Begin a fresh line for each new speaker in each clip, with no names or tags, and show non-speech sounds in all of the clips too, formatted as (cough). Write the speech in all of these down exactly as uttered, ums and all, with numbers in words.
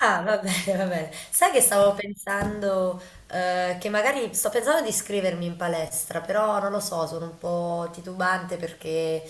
Ah, va bene, va bene. Sai che stavo pensando, eh, che magari sto pensando di iscrivermi in palestra, però non lo so, sono un po' titubante perché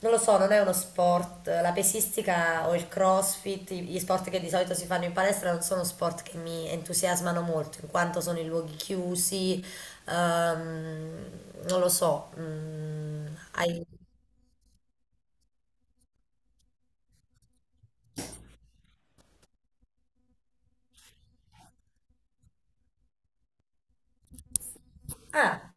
non lo so, non è uno sport. La pesistica o il CrossFit, i- gli sport che di solito si fanno in palestra non sono sport che mi entusiasmano molto, in quanto sono in luoghi chiusi, ehm, non lo so. mm, hai- Ah,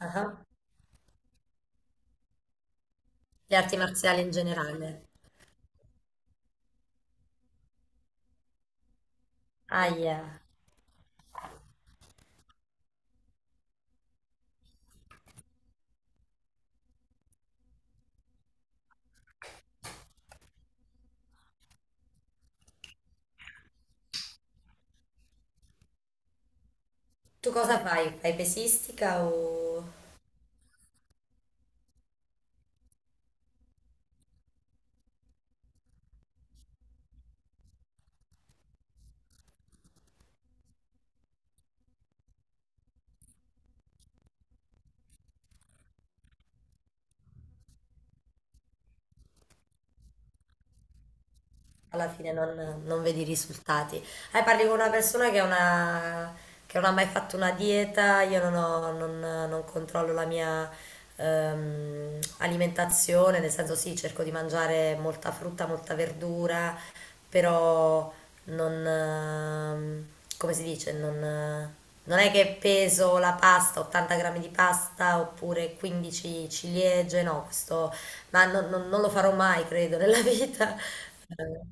ah, le arti marziali in generale. Ahia. Tu cosa fai? Fai pesistica o alla fine non, non vedi risultati? Eh, parli con una persona che, è una- che non ha mai fatto una dieta, io non, ho- non- non controllo la mia ehm, alimentazione, nel senso sì, cerco di mangiare molta frutta, molta verdura, però non, ehm, come si dice, non, eh, non è che peso la pasta, ottanta grammi di pasta oppure quindici ciliegie, no, questo... Ma non, non- non lo farò mai, credo, nella vita. (laughs)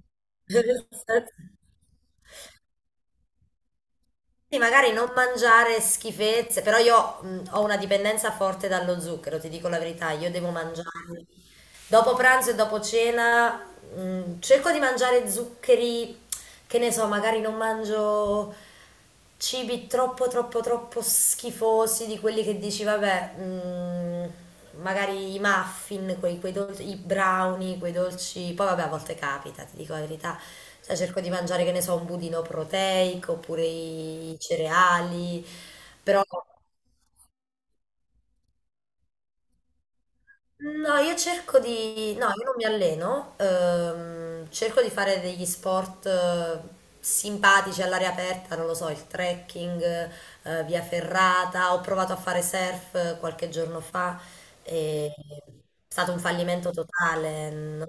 Sì, magari non mangiare schifezze, però io mh, ho una dipendenza forte dallo zucchero, ti dico la verità, io devo mangiare. Dopo pranzo e dopo cena mh, cerco di mangiare zuccheri, che ne so, magari non mangio cibi troppo troppo troppo schifosi di quelli che dici, vabbè, mh, magari i muffin, quei, quei dolci, i brownie, quei dolci, poi vabbè a volte capita, ti dico la verità, cioè cerco di mangiare, che ne so, un budino proteico oppure i cereali, però. No, io cerco di... No, io non mi alleno, ehm, cerco di fare degli sport eh, simpatici all'aria aperta, non lo so, il trekking, eh, via ferrata, ho provato a fare surf eh, qualche giorno fa, e è stato un fallimento totale, no?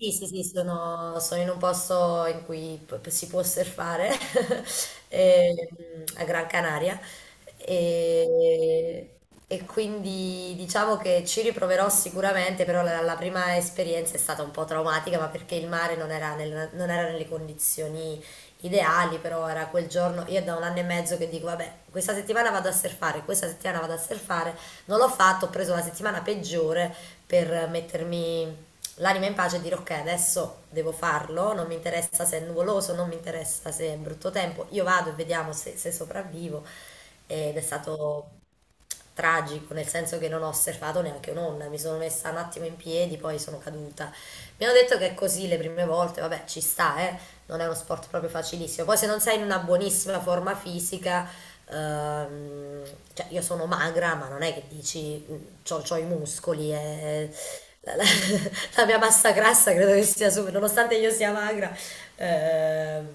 Sì, sì, sì, sono, sono in un posto in cui p- si può surfare (laughs) ehm, a Gran Canaria e, e quindi diciamo che ci riproverò sicuramente, però la, la prima esperienza è stata un po' traumatica, ma perché il mare non era, nel- non era nelle condizioni ideali, però era quel giorno, io da un anno e mezzo che dico, vabbè, questa settimana vado a surfare, questa settimana vado a surfare, non l'ho fatto, ho preso la settimana peggiore per mettermi l'anima in pace e dire ok, adesso devo farlo, non mi interessa se è nuvoloso, non mi interessa se è brutto tempo, io vado e vediamo se, se sopravvivo. Ed è stato tragico, nel senso che non ho osservato neanche un'onda, mi sono messa un attimo in piedi, poi sono caduta. Mi hanno detto che è così le prime volte, vabbè, ci sta, eh, non è uno sport proprio facilissimo. Poi se non sei in una buonissima forma fisica, ehm, cioè io sono magra, ma non è che dici, mm, c'ho, c'ho i muscoli e... La, la- (laughs) la mia massa grassa credo che sia superiore, nonostante io sia magra, ehm,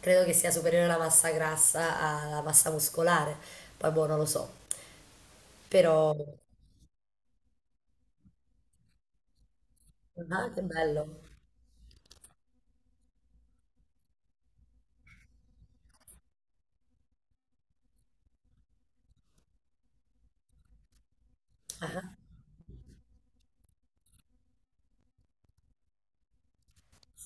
credo che sia superiore la massa grassa alla massa muscolare. Poi boh, non lo so. Però, ah, che bello. Ah.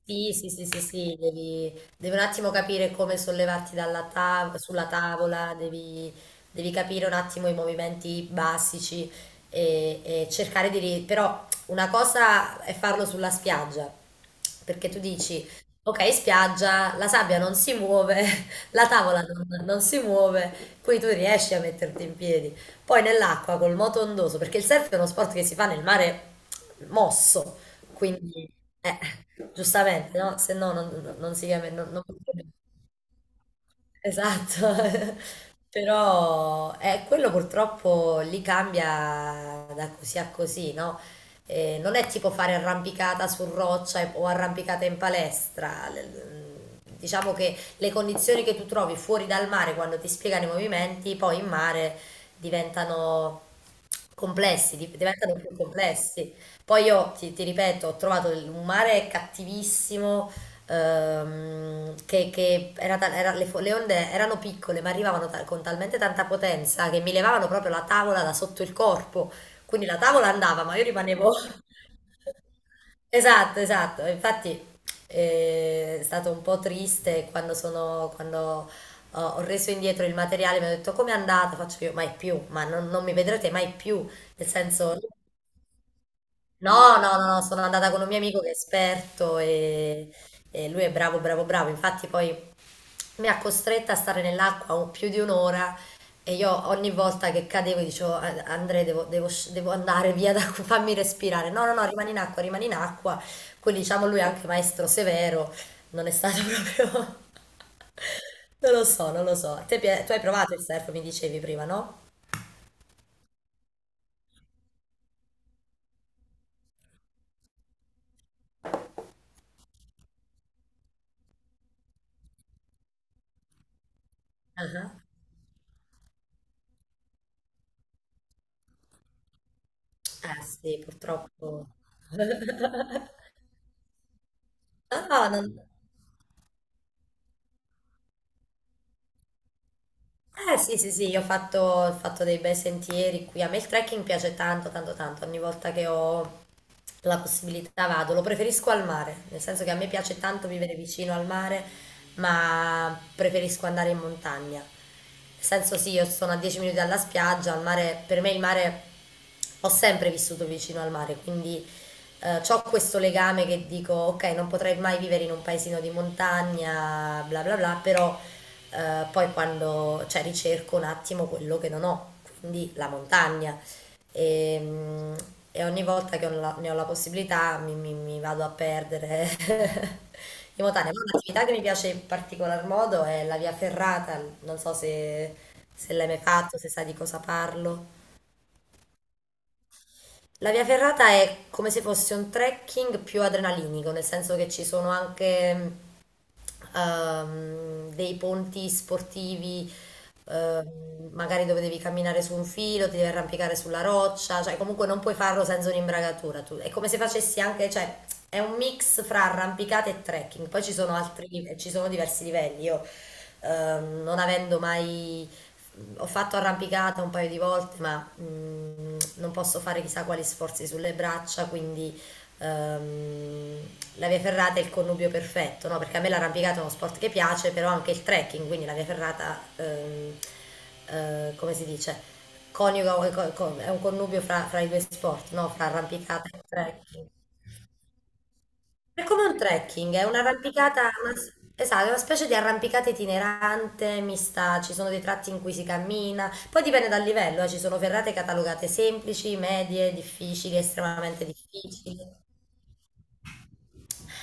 Sì, sì, sì, sì, sì, devi, devi un attimo capire come sollevarti dalla tav- sulla tavola, devi, devi capire un attimo i movimenti basici e, e cercare di... ri- Però una cosa è farlo sulla spiaggia, perché tu dici, ok, spiaggia, la sabbia non si muove, (laughs) la tavola non, non si muove, qui tu riesci a metterti in piedi. Poi nell'acqua col moto ondoso, perché il surf è uno sport che si fa nel mare mosso. Quindi, eh, giustamente, no? Se no non, non- non si chiama... non- non- potrebbe- Esatto. (laughs) Però eh, quello purtroppo lì cambia da così a così, no? Eh, non è tipo fare arrampicata su roccia e- o arrampicata in palestra. L- Diciamo che le condizioni che tu trovi fuori dal mare quando ti spiegano i movimenti, poi in mare diventano complessi, div- diventano più complessi. Poi io ti, ti ripeto, ho trovato il- un mare cattivissimo, ehm, che, che era tal- era- le, fo- le onde erano piccole ma arrivavano ta- con talmente tanta potenza che mi levavano proprio la tavola da sotto il corpo. Quindi la tavola andava, ma io rimanevo... (laughs) Esatto, esatto. Infatti eh, è stato un po' triste quando sono, quando ho ho reso indietro il materiale, mi hanno detto come è andata? Faccio io, mai più, ma non, non mi vedrete mai più, nel senso... No, no, no, no, sono andata con un mio amico che è esperto e, e lui è bravo, bravo, bravo. Infatti poi mi ha costretta a stare nell'acqua un- più di un'ora e io ogni volta che cadevo dicevo "Ah, Andrea devo, devo sc- devo andare via, da, (laughs) qui, fammi respirare. No, no, no, rimani in acqua, rimani in acqua. Quindi diciamo lui è anche maestro severo, non è stato (laughs) proprio... Non lo so, non lo so. A Te pi- tu hai provato il surf, mi dicevi prima, no? Ah, ah. Eh sì, purtroppo. (laughs) Ah, non... Eh sì, sì, sì, io ho fatto, ho fatto dei bei sentieri qui. A me il trekking piace tanto, tanto, tanto. Ogni volta che ho la possibilità vado. Lo preferisco al mare, nel senso che a me piace tanto vivere vicino al mare, ma preferisco andare in montagna. Nel senso sì, io sono a dieci minuti dalla spiaggia, al mare, per me il mare, ho sempre vissuto vicino al mare, quindi ho questo legame che dico, ok, non potrei mai vivere in un paesino di montagna, bla bla bla, però... Eh, poi quando, cioè, ricerco un attimo quello che non ho, quindi la montagna. E, mm, e ogni volta che ho la- ne ho la possibilità mi, mi- mi vado a perdere (laughs) in montagna. Ma un'attività che mi piace in particolar modo è la via ferrata, non so se, se l'hai mai fatto, se sai di cosa parlo. La via ferrata è come se fosse un trekking più adrenalinico, nel senso che ci sono anche ehm, dei ponti sportivi, ehm, magari dove devi camminare su un filo, ti devi arrampicare sulla roccia, cioè comunque non puoi farlo senza un'imbragatura. Tu- è come se facessi anche, cioè è un mix fra arrampicata e trekking. Poi ci sono altri, ci sono diversi livelli. Io, ehm, non avendo mai... Ho fatto arrampicata un paio di volte, ma mm, non posso fare chissà quali sforzi sulle braccia, quindi ehm, la via ferrata è il connubio perfetto, no? Perché a me l'arrampicata è uno sport che piace, però anche il trekking, quindi la via ferrata, ehm, eh, come si dice, coniuga, co- co- è un connubio fra, fra i due sport, no? Fra arrampicata e trekking. È come un trekking, è un'arrampicata, una, s- esatto, è una specie di arrampicata itinerante, mista, ci sono dei tratti in cui si cammina, poi dipende dal livello, eh, ci sono ferrate catalogate semplici, medie, difficili, estremamente difficili.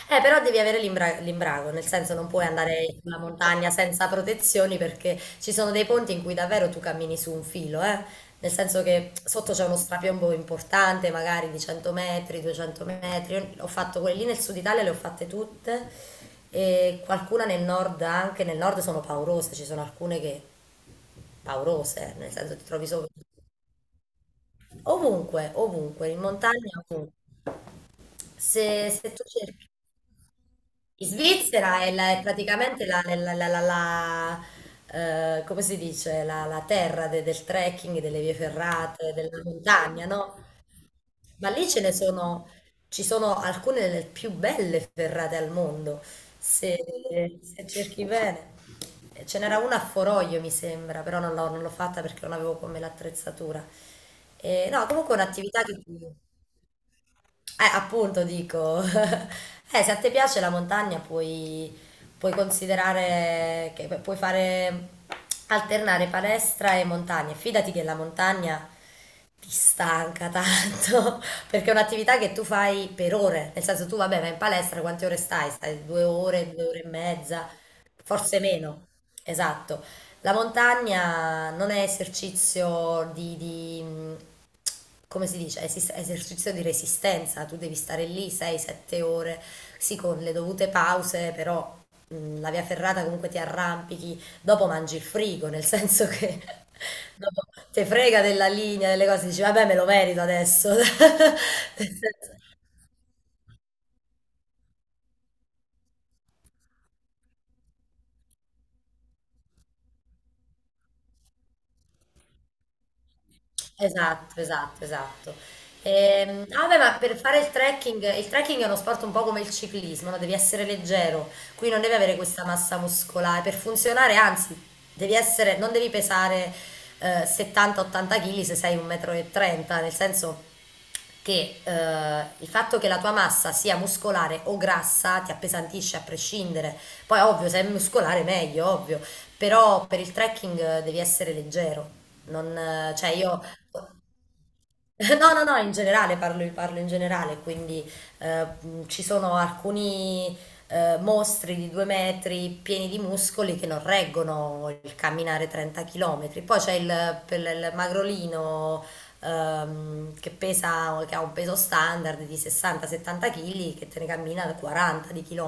Eh, però devi avere l'imbra- l'imbrago, nel senso non puoi andare sulla montagna senza protezioni perché ci sono dei ponti in cui davvero tu cammini su un filo, eh? Nel senso che sotto c'è uno strapiombo importante, magari di cento metri, duecento metri. Io ho fatto quelle lì nel sud Italia, le ho fatte tutte e qualcuna nel nord anche, nel nord sono paurose, ci sono alcune che paurose, nel senso ti trovi sopra ovunque, ovunque, in montagna, ovunque. Se, se tu cerchi... In Svizzera è, la- è praticamente la, la- la- la- la- la, eh, come si dice, la, la terra de- del trekking, delle vie ferrate, della montagna, no? Ma lì ce ne sono, ci sono alcune delle più belle ferrate al mondo, se, se cerchi bene. Ce n'era una a Foroglio, mi sembra, però non l'ho non l'ho fatta perché non avevo come l'attrezzatura. Eh, no, comunque è un'attività che... Eh, appunto dico, (laughs) eh, se a te piace la montagna puoi, puoi considerare che pu- puoi fare alternare palestra e montagna. Fidati che la montagna ti stanca tanto, (laughs) perché è un'attività che tu fai per ore, nel senso tu vabbè vai in palestra, quante ore stai? Stai due ore, due ore e mezza, forse meno, esatto. La montagna non è esercizio di, di, mh, come si dice, Esis- esercizio di resistenza, tu devi stare lì sei sette ore, sì, con le dovute pause, però mh, la via ferrata comunque ti arrampichi, dopo mangi il frigo, nel senso che (laughs) dopo te frega della linea, delle cose, dici vabbè me lo merito adesso. (laughs) Esatto, esatto, esatto. Ehm, ah, beh, ma per fare il trekking, il trekking è uno sport un po' come il ciclismo, no? Devi essere leggero, qui non devi avere questa massa muscolare per funzionare, anzi, devi essere, non devi pesare eh, settanta o ottanta chili kg se sei uno e trenta metri m, nel senso che eh, il fatto che la tua massa sia muscolare o grassa ti appesantisce a prescindere. Poi, ovvio, se è muscolare meglio, ovvio, però per il trekking eh, devi essere leggero. Non, eh, cioè io (laughs) No, no, no, in generale parlo, parlo in generale, quindi eh, mh, ci sono alcuni eh, mostri di due metri pieni di muscoli che non reggono il camminare trenta chilometri. Poi c'è il, per il magrolino, ehm, che pesa, che ha un peso standard di sessanta settanta chili kg che te ne cammina da quaranta di km.